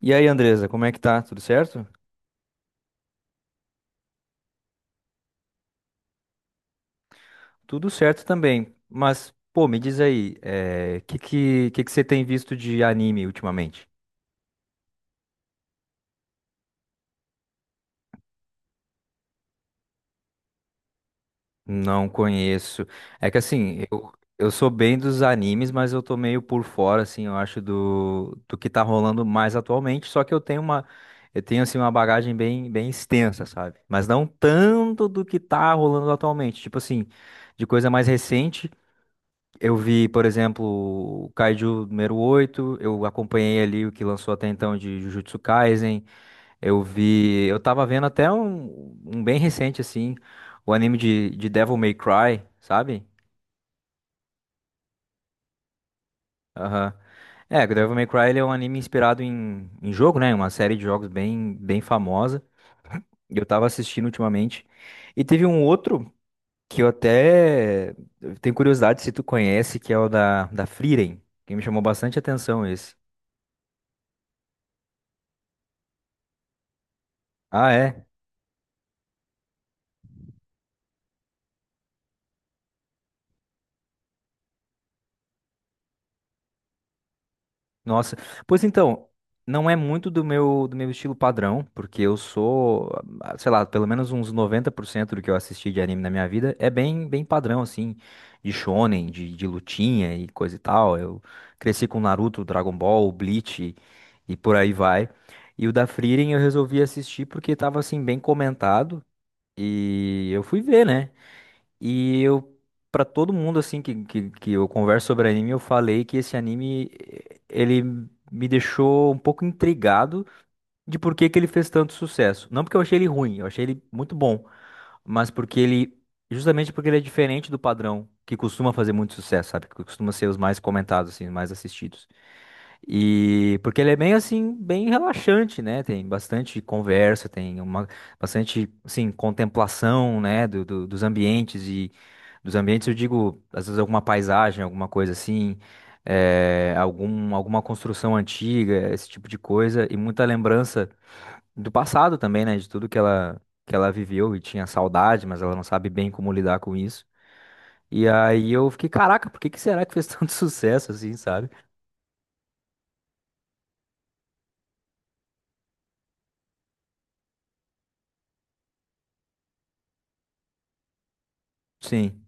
E aí, Andresa, como é que tá? Tudo certo? Tudo certo também. Mas, pô, me diz aí, o que que você tem visto de anime ultimamente? Não conheço. É que assim, eu sou bem dos animes, mas eu tô meio por fora, assim, eu acho, do que tá rolando mais atualmente. Só que eu tenho, assim, uma bagagem bem, bem extensa, sabe? Mas não tanto do que tá rolando atualmente. Tipo assim, de coisa mais recente. Eu vi, por exemplo, o Kaiju número oito. Eu acompanhei ali o que lançou até então de Jujutsu Kaisen. Eu vi, eu tava vendo até um bem recente assim, o anime de Devil May Cry, sabe? Aham. É, o Devil May Cry ele é um anime inspirado em jogo, né? Uma série de jogos bem, bem famosa. E eu tava assistindo ultimamente. E teve um outro que eu até tenho curiosidade se tu conhece, que é o da Frieren, que me chamou bastante atenção esse. Ah, é? Nossa, pois então, não é muito do meu estilo padrão, porque eu sou, sei lá, pelo menos uns 90% do que eu assisti de anime na minha vida é bem bem padrão assim, de shonen, de lutinha e coisa e tal. Eu cresci com Naruto, Dragon Ball, Bleach e por aí vai. E o da Frieren eu resolvi assistir porque tava assim bem comentado e eu fui ver, né? E eu, pra todo mundo assim que eu converso sobre anime, eu falei que esse anime ele me deixou um pouco intrigado de por que que ele fez tanto sucesso. Não porque eu achei ele ruim, eu achei ele muito bom, mas porque ele, justamente porque ele é diferente do padrão que costuma fazer muito sucesso, sabe? Que costuma ser os mais comentados, assim, os mais assistidos. E porque ele é bem assim, bem relaxante, né? Tem bastante conversa, tem uma bastante, assim, contemplação, né? Dos ambientes e dos ambientes eu digo, às vezes alguma paisagem, alguma coisa assim, alguma construção antiga, esse tipo de coisa e muita lembrança do passado também, né? De tudo que ela viveu e tinha saudade, mas ela não sabe bem como lidar com isso. E aí eu fiquei, caraca, por que que será que fez tanto sucesso assim, sabe? Sim,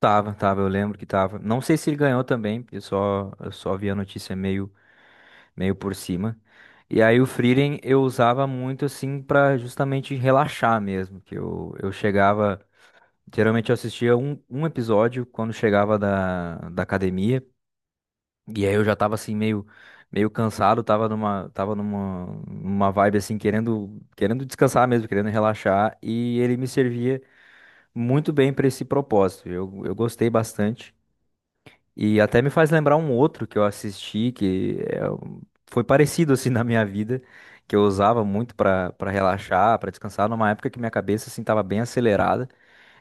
tava, tava, eu lembro que tava. Não sei se ele ganhou também, eu só vi a notícia meio por cima. E aí o Frieren eu usava muito assim pra justamente relaxar mesmo, que eu chegava, geralmente eu assistia um episódio quando chegava da academia. E aí eu já tava assim meio cansado, tava numa vibe assim querendo descansar mesmo, querendo relaxar e ele me servia muito bem para esse propósito. Eu gostei bastante e até me faz lembrar um outro que eu assisti que é foi parecido assim na minha vida, que eu usava muito para relaxar, para descansar numa época que minha cabeça assim tava bem acelerada.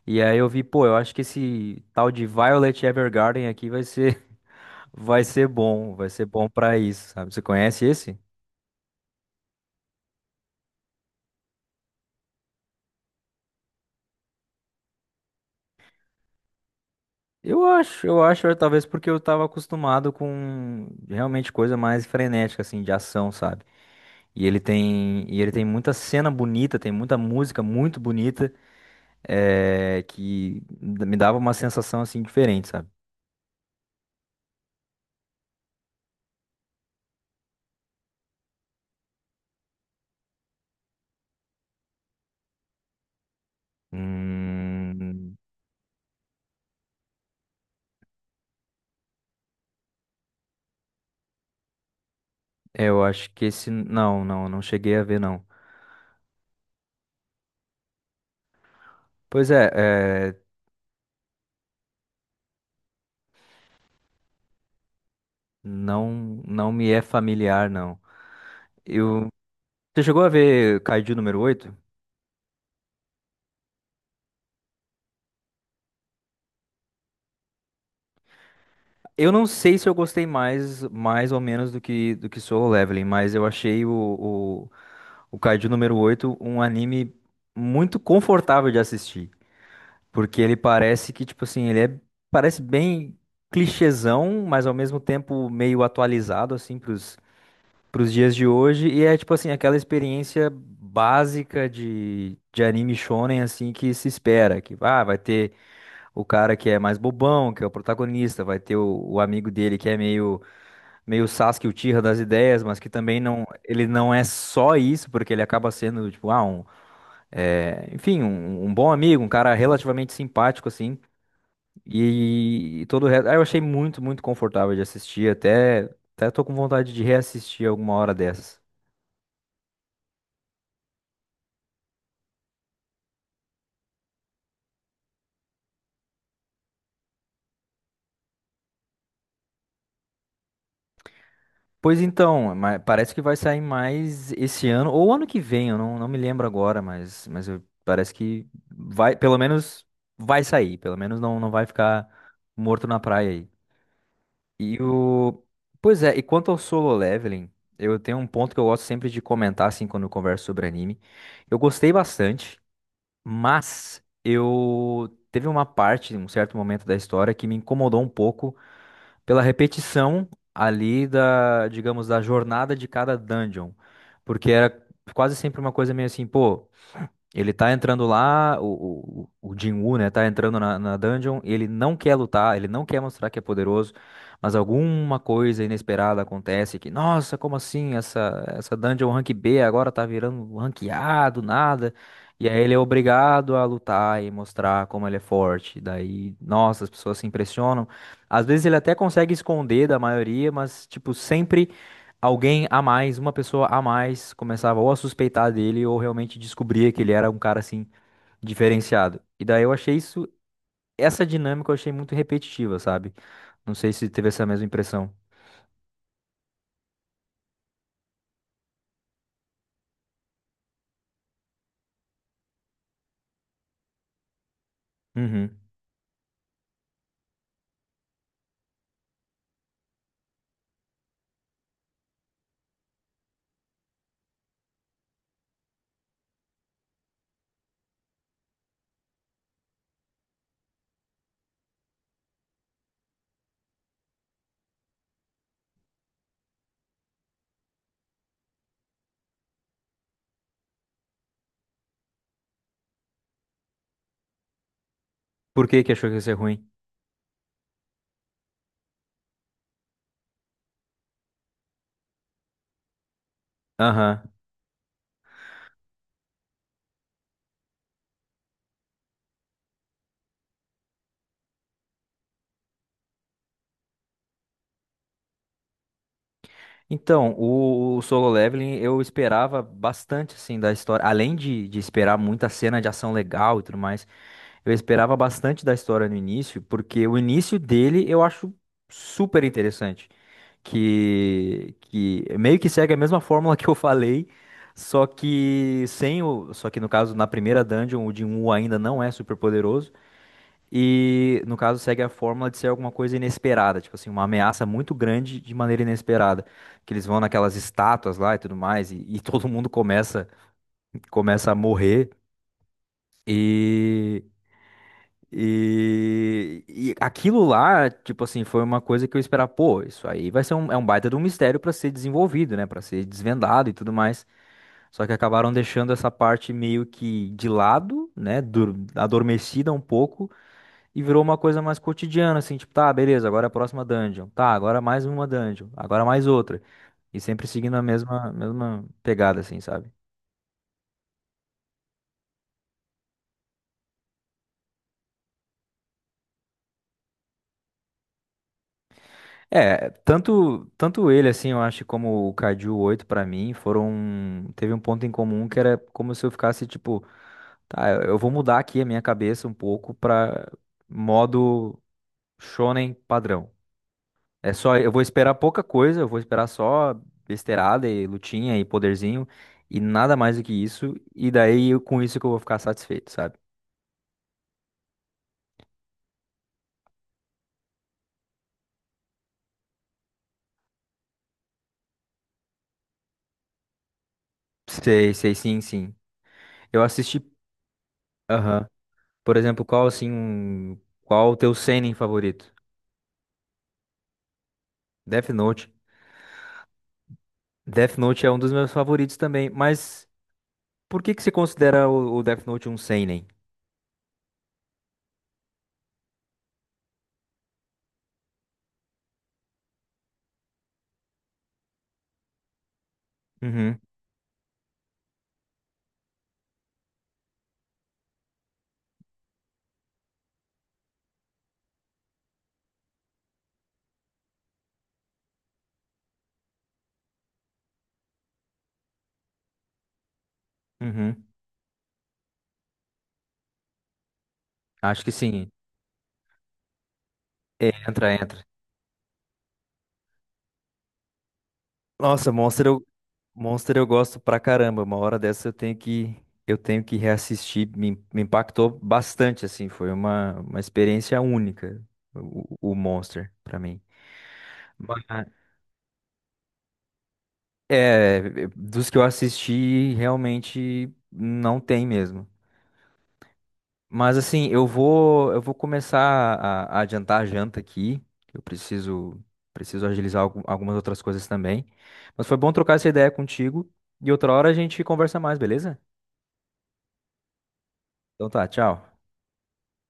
E aí eu vi, pô, eu acho que esse tal de Violet Evergarden aqui vai ser vai ser bom pra isso, sabe? Você conhece esse? Eu acho, é, talvez porque eu tava acostumado com realmente coisa mais frenética assim, de ação, sabe? E ele tem muita cena bonita, tem muita música muito bonita, é, que me dava uma sensação assim diferente, sabe? Hum, eu acho que esse, não, não, não cheguei a ver não. Pois é, é, Não, não me é familiar, não. Eu, você chegou a ver Kaiju número oito? Eu não sei se eu gostei mais ou menos do que Solo Leveling, mas eu achei o Kaiju número oito um anime muito confortável de assistir. Porque ele parece que, tipo assim, parece bem clichêzão, mas ao mesmo tempo meio atualizado, assim, pros dias de hoje. E é tipo assim, aquela experiência básica de anime shonen assim que se espera, que vai ter o cara que é mais bobão, que é o protagonista, vai ter o amigo dele que é meio Sasuke Uchiha das ideias, mas que também não ele não é só isso, porque ele acaba sendo tipo, enfim, um bom amigo, um cara relativamente simpático assim. E todo o resto, eu achei muito, muito confortável de assistir, até tô com vontade de reassistir alguma hora dessas. Pois então, parece que vai sair mais esse ano ou ano que vem, eu não me lembro agora, parece que vai, pelo menos vai sair, pelo menos não vai ficar morto na praia aí. E o. Pois é, e quanto ao Solo Leveling, eu tenho um ponto que eu gosto sempre de comentar, assim, quando eu converso sobre anime. Eu gostei bastante. Mas eu. Teve uma parte, um certo momento da história que me incomodou um pouco pela repetição ali da, digamos, da jornada de cada dungeon. Porque era quase sempre uma coisa meio assim, pô, ele tá entrando lá, o Jin-Woo, né, tá entrando na dungeon, ele não quer lutar, ele não quer mostrar que é poderoso, mas alguma coisa inesperada acontece que, nossa, como assim, essa dungeon rank B agora tá virando rank A do nada, e aí ele é obrigado a lutar e mostrar como ele é forte, daí, nossa, as pessoas se impressionam, às vezes ele até consegue esconder da maioria, mas, tipo, sempre alguém a mais, uma pessoa a mais, começava ou a suspeitar dele ou realmente descobria que ele era um cara assim diferenciado. E daí eu achei isso, essa dinâmica eu achei muito repetitiva, sabe? Não sei se teve essa mesma impressão. Uhum. Por que que achou que ia ser ruim? Aham. Então, o Solo Leveling eu esperava bastante assim da história, além de esperar muita cena de ação legal e tudo mais, eu esperava bastante da história no início, porque o início dele eu acho super interessante. Que meio que segue a mesma fórmula que eu falei, só que no caso na primeira dungeon o Jinwoo ainda não é super poderoso e no caso segue a fórmula de ser alguma coisa inesperada, tipo assim, uma ameaça muito grande de maneira inesperada, que eles vão naquelas estátuas lá e tudo mais e todo mundo começa a morrer. E, e aquilo lá, tipo assim, foi uma coisa que eu esperava, pô, isso aí vai ser é um baita de um mistério pra ser desenvolvido, né, pra ser desvendado e tudo mais. Só que acabaram deixando essa parte meio que de lado, né, adormecida um pouco e virou uma coisa mais cotidiana, assim, tipo, tá, beleza, agora é a próxima dungeon. Tá, agora é mais uma dungeon, agora é mais outra. E sempre seguindo a mesma pegada assim, sabe? É, tanto ele, assim, eu acho, como o Caju 8 pra mim, foram. Teve um ponto em comum que era como se eu ficasse, tipo, tá, eu vou mudar aqui a minha cabeça um pouco pra modo shonen padrão. É só, eu vou esperar pouca coisa, eu vou esperar só besteirada e lutinha e poderzinho e nada mais do que isso, e com isso que eu vou ficar satisfeito, sabe? Sei, sei, sim, sim. Eu assisti. Aham. Por exemplo, qual o teu seinen favorito? Death Note. Death Note é um dos meus favoritos também, mas por que que você considera o Death Note um seinen? Uhum, uhum. Acho que sim. É, entra, entra. Nossa, Monster eu gosto pra caramba. Uma hora dessa eu tenho que reassistir. Me impactou bastante, assim. Foi uma experiência única, o Monster, pra mim. Mas, é, dos que eu assisti, realmente não tem mesmo. Mas assim, eu vou começar a adiantar a janta aqui. Que eu preciso agilizar algumas outras coisas também. Mas foi bom trocar essa ideia contigo e outra hora a gente conversa mais, beleza? Então tá, tchau.